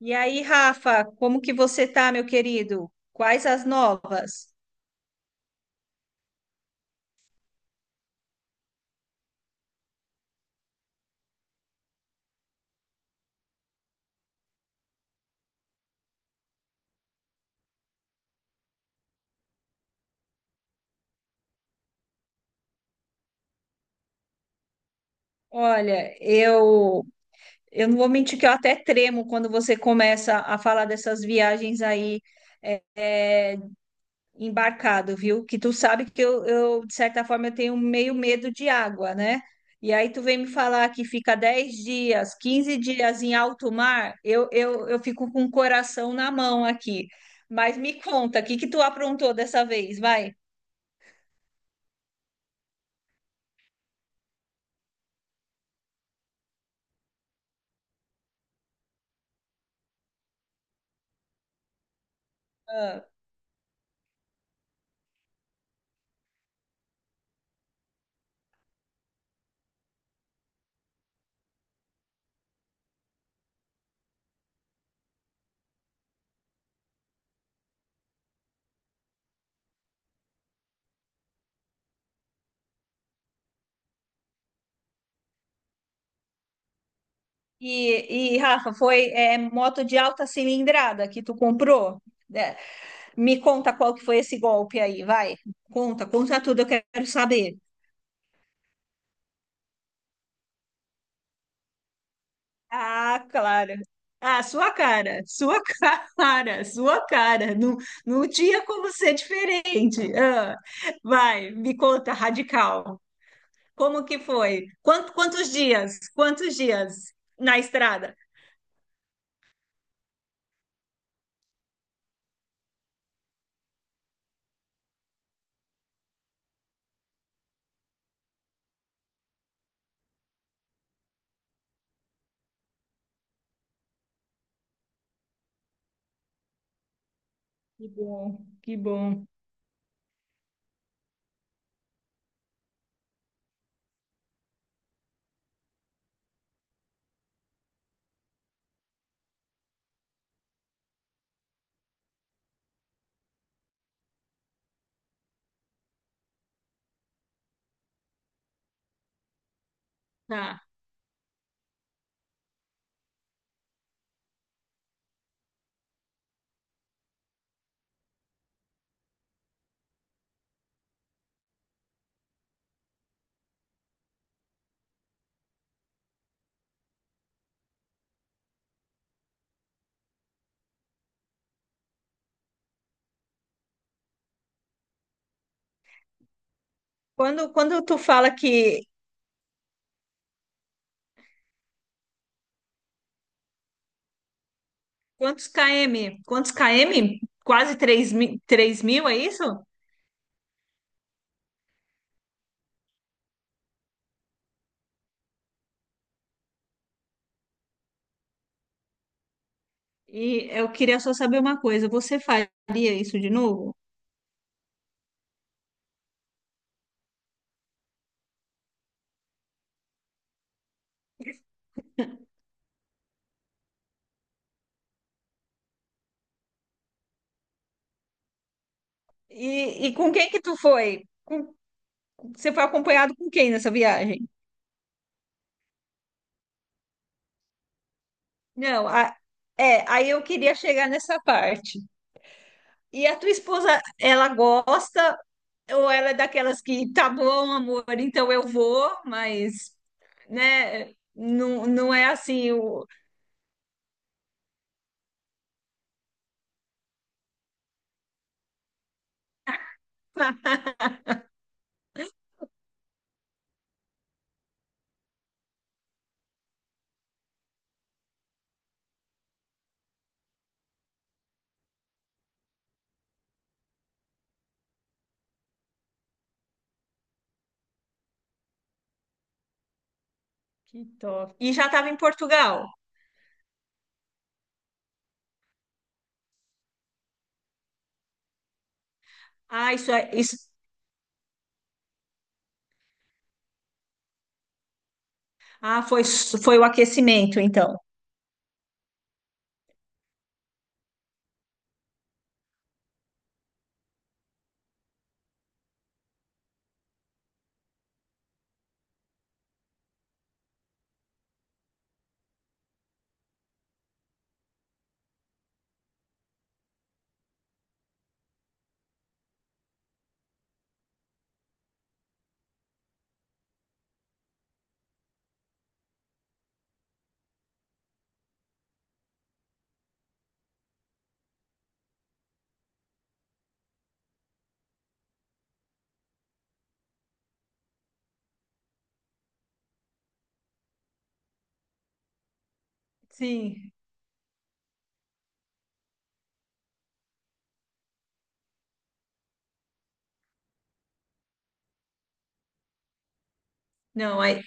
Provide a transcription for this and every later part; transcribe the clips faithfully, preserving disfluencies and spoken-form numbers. E aí, Rafa, como que você tá, meu querido? Quais as novas? Olha, eu eu não vou mentir que eu até tremo quando você começa a falar dessas viagens aí é, é, embarcado, viu? Que tu sabe que eu, eu, de certa forma, eu tenho meio medo de água, né? E aí tu vem me falar que fica dez dias, quinze dias em alto mar, eu, eu, eu fico com o coração na mão aqui. Mas me conta, o que que tu aprontou dessa vez? Vai. E, e, Rafa, foi é, moto de alta cilindrada que tu comprou? É, me conta qual que foi esse golpe aí, vai. Conta, conta tudo, eu quero saber. Ah, claro. Ah, sua cara, sua cara, sua cara. Não, não tinha como ser diferente. Ah, vai, me conta, radical. Como que foi? Quanto, quantos dias? Quantos dias na estrada? Que bom, que bom. Tá. Quando, quando tu fala que... Quantos km? Quantos km? Quase três mil, três mil, é isso? E eu queria só saber uma coisa, você faria isso de novo? E, e com quem que tu foi? Com- você foi acompanhado com quem nessa viagem? Não, a- é, aí eu queria chegar nessa parte. E a tua esposa, ela gosta ou ela é daquelas que, tá bom, amor, então eu vou, mas, né, não, não é assim o. Que top. E já estava em Portugal. Ah, isso é isso. Ah, foi, s- foi o aquecimento, então. Sim. Não, aí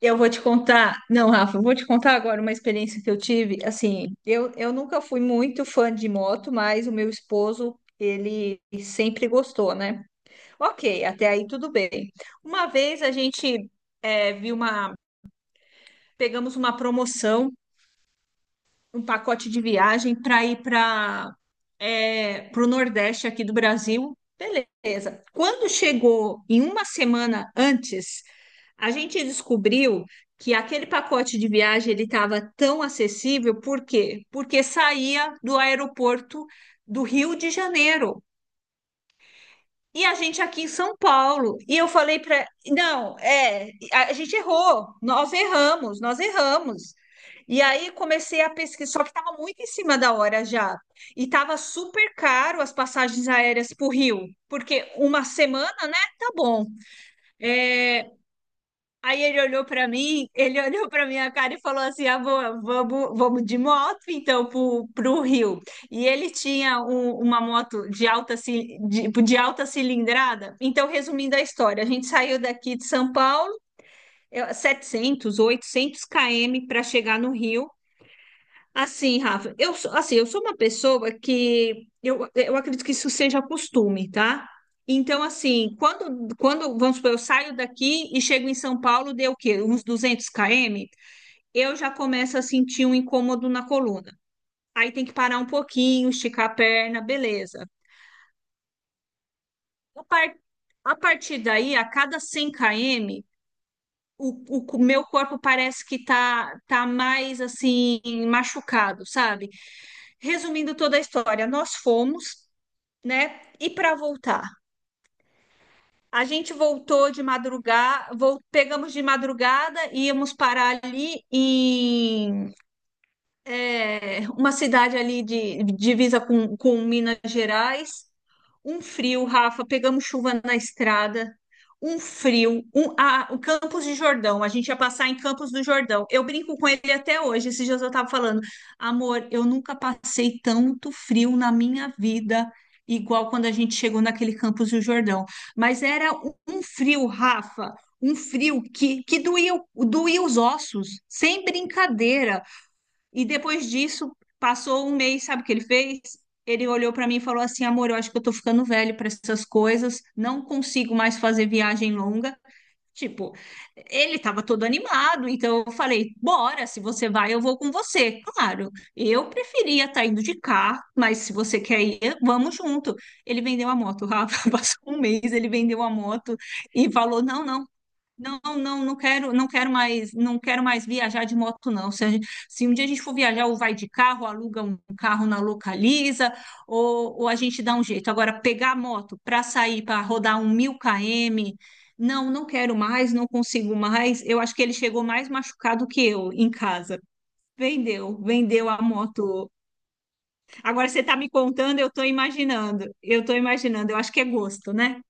eu vou te contar. Não, Rafa, eu vou te contar agora uma experiência que eu tive. Assim, eu, eu nunca fui muito fã de moto, mas o meu esposo, ele sempre gostou, né? Ok, até aí tudo bem. Uma vez a gente eh, viu uma. Pegamos uma promoção. Um pacote de viagem para ir para é, o Nordeste aqui do Brasil. Beleza. Quando chegou em uma semana antes, a gente descobriu que aquele pacote de viagem ele estava tão acessível, por quê? Porque saía do aeroporto do Rio de Janeiro. E a gente aqui em São Paulo. E eu falei para, não, é, a a gente errou. Nós erramos, nós erramos. E aí comecei a pesquisar, só que estava muito em cima da hora já. E estava super caro as passagens aéreas para o Rio, porque uma semana, né? Tá bom. Aí ele olhou pra mim, ele olhou pra minha cara e falou assim: ah, vou, vamos, vamos de moto então pro, pro Rio. E ele tinha um- uma moto de alta, ci- de, de alta cilindrada. Então, resumindo a história, a gente saiu daqui de São Paulo, eu- setecentos, oitocentos quilômetros para chegar no Rio. Assim, Rafa, eu sou, assim, eu sou uma pessoa que eu, eu acredito que isso seja costume, tá? Então, assim, quando, quando, vamos supor, eu saio daqui e chego em São Paulo, deu o quê? Uns duzentos quilômetros, eu já começo a sentir um incômodo na coluna. Aí tem que parar um pouquinho, esticar a perna, beleza. A, par- a partir daí, a cada cem quilômetros, o, o meu corpo parece que tá, tá mais, assim, machucado, sabe? Resumindo toda a história, nós fomos, né? E para voltar? A gente voltou de madrugada, vol- pegamos de madrugada, íamos parar ali em é, uma cidade ali de de divisa com, com Minas Gerais. Um frio, Rafa, pegamos chuva na estrada, um frio, um, ah, o Campos de Jordão, a gente ia passar em Campos do Jordão. Eu brinco com ele até hoje, esses dias eu estava falando, amor, eu nunca passei tanto frio na minha vida, igual quando a gente chegou naquele Campos do Jordão. Mas era um um frio, Rafa, um frio que, que doía, o- doía os ossos, sem brincadeira. E depois disso, passou um mês, sabe o que ele fez? Ele olhou para mim e falou assim: amor, eu acho que eu tô ficando velho para essas coisas, não consigo mais fazer viagem longa. Tipo, ele estava todo animado, então eu falei: bora, se você vai, eu vou com você. Claro, eu preferia estar indo de carro, mas se você quer ir, vamos junto. Ele vendeu a moto, Rafa. Passou um mês, ele vendeu a moto e falou: não, não não, não, não quero, não quero mais, não quero mais viajar de moto, não. Se, a gente- se um dia a gente for viajar, ou vai de carro, aluga um carro na Localiza, ou, ou a gente dá um jeito. Agora, pegar a moto para sair, para rodar um mil km, não, não quero mais, não consigo mais. Eu acho que ele chegou mais machucado que eu em casa. Vendeu, vendeu a moto. Agora você está me contando, eu estou imaginando, eu estou imaginando. Eu acho que é gosto, né?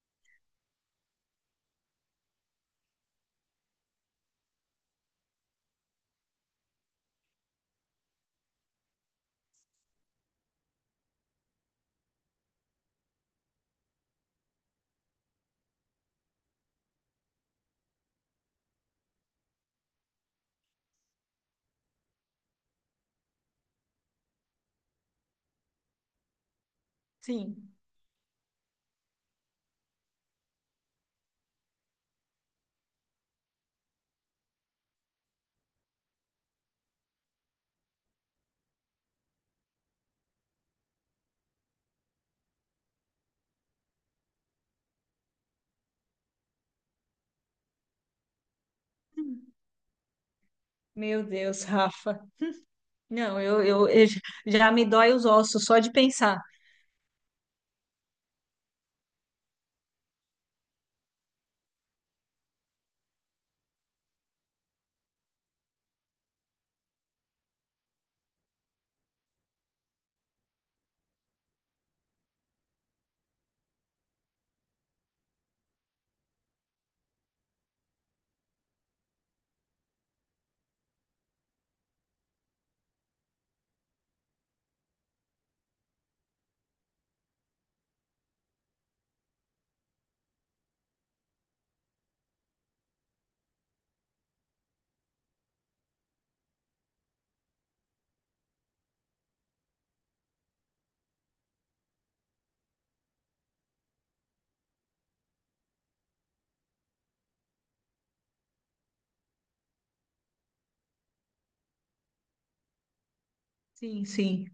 Sim. Meu Deus, Rafa. Não, eu, eu, eu já já me dói os ossos só de pensar. Sim, sim.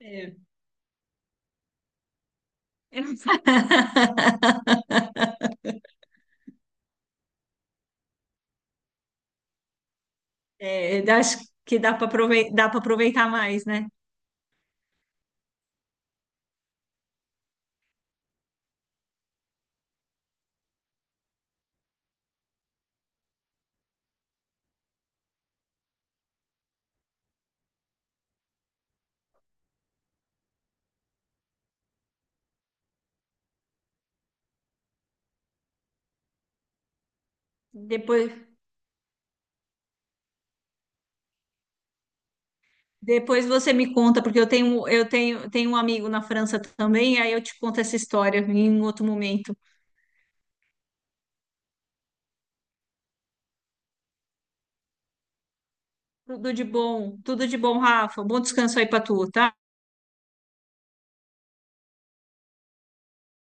É. É, eu acho que dá para aproveitar, dá para aproveitar mais, né? Depois, depois você me conta, porque eu tenho, eu tenho, tenho um amigo na França também, aí eu te conto essa história em um outro momento. Tudo de bom, tudo de bom, Rafa. Bom descanso aí para tu, tá?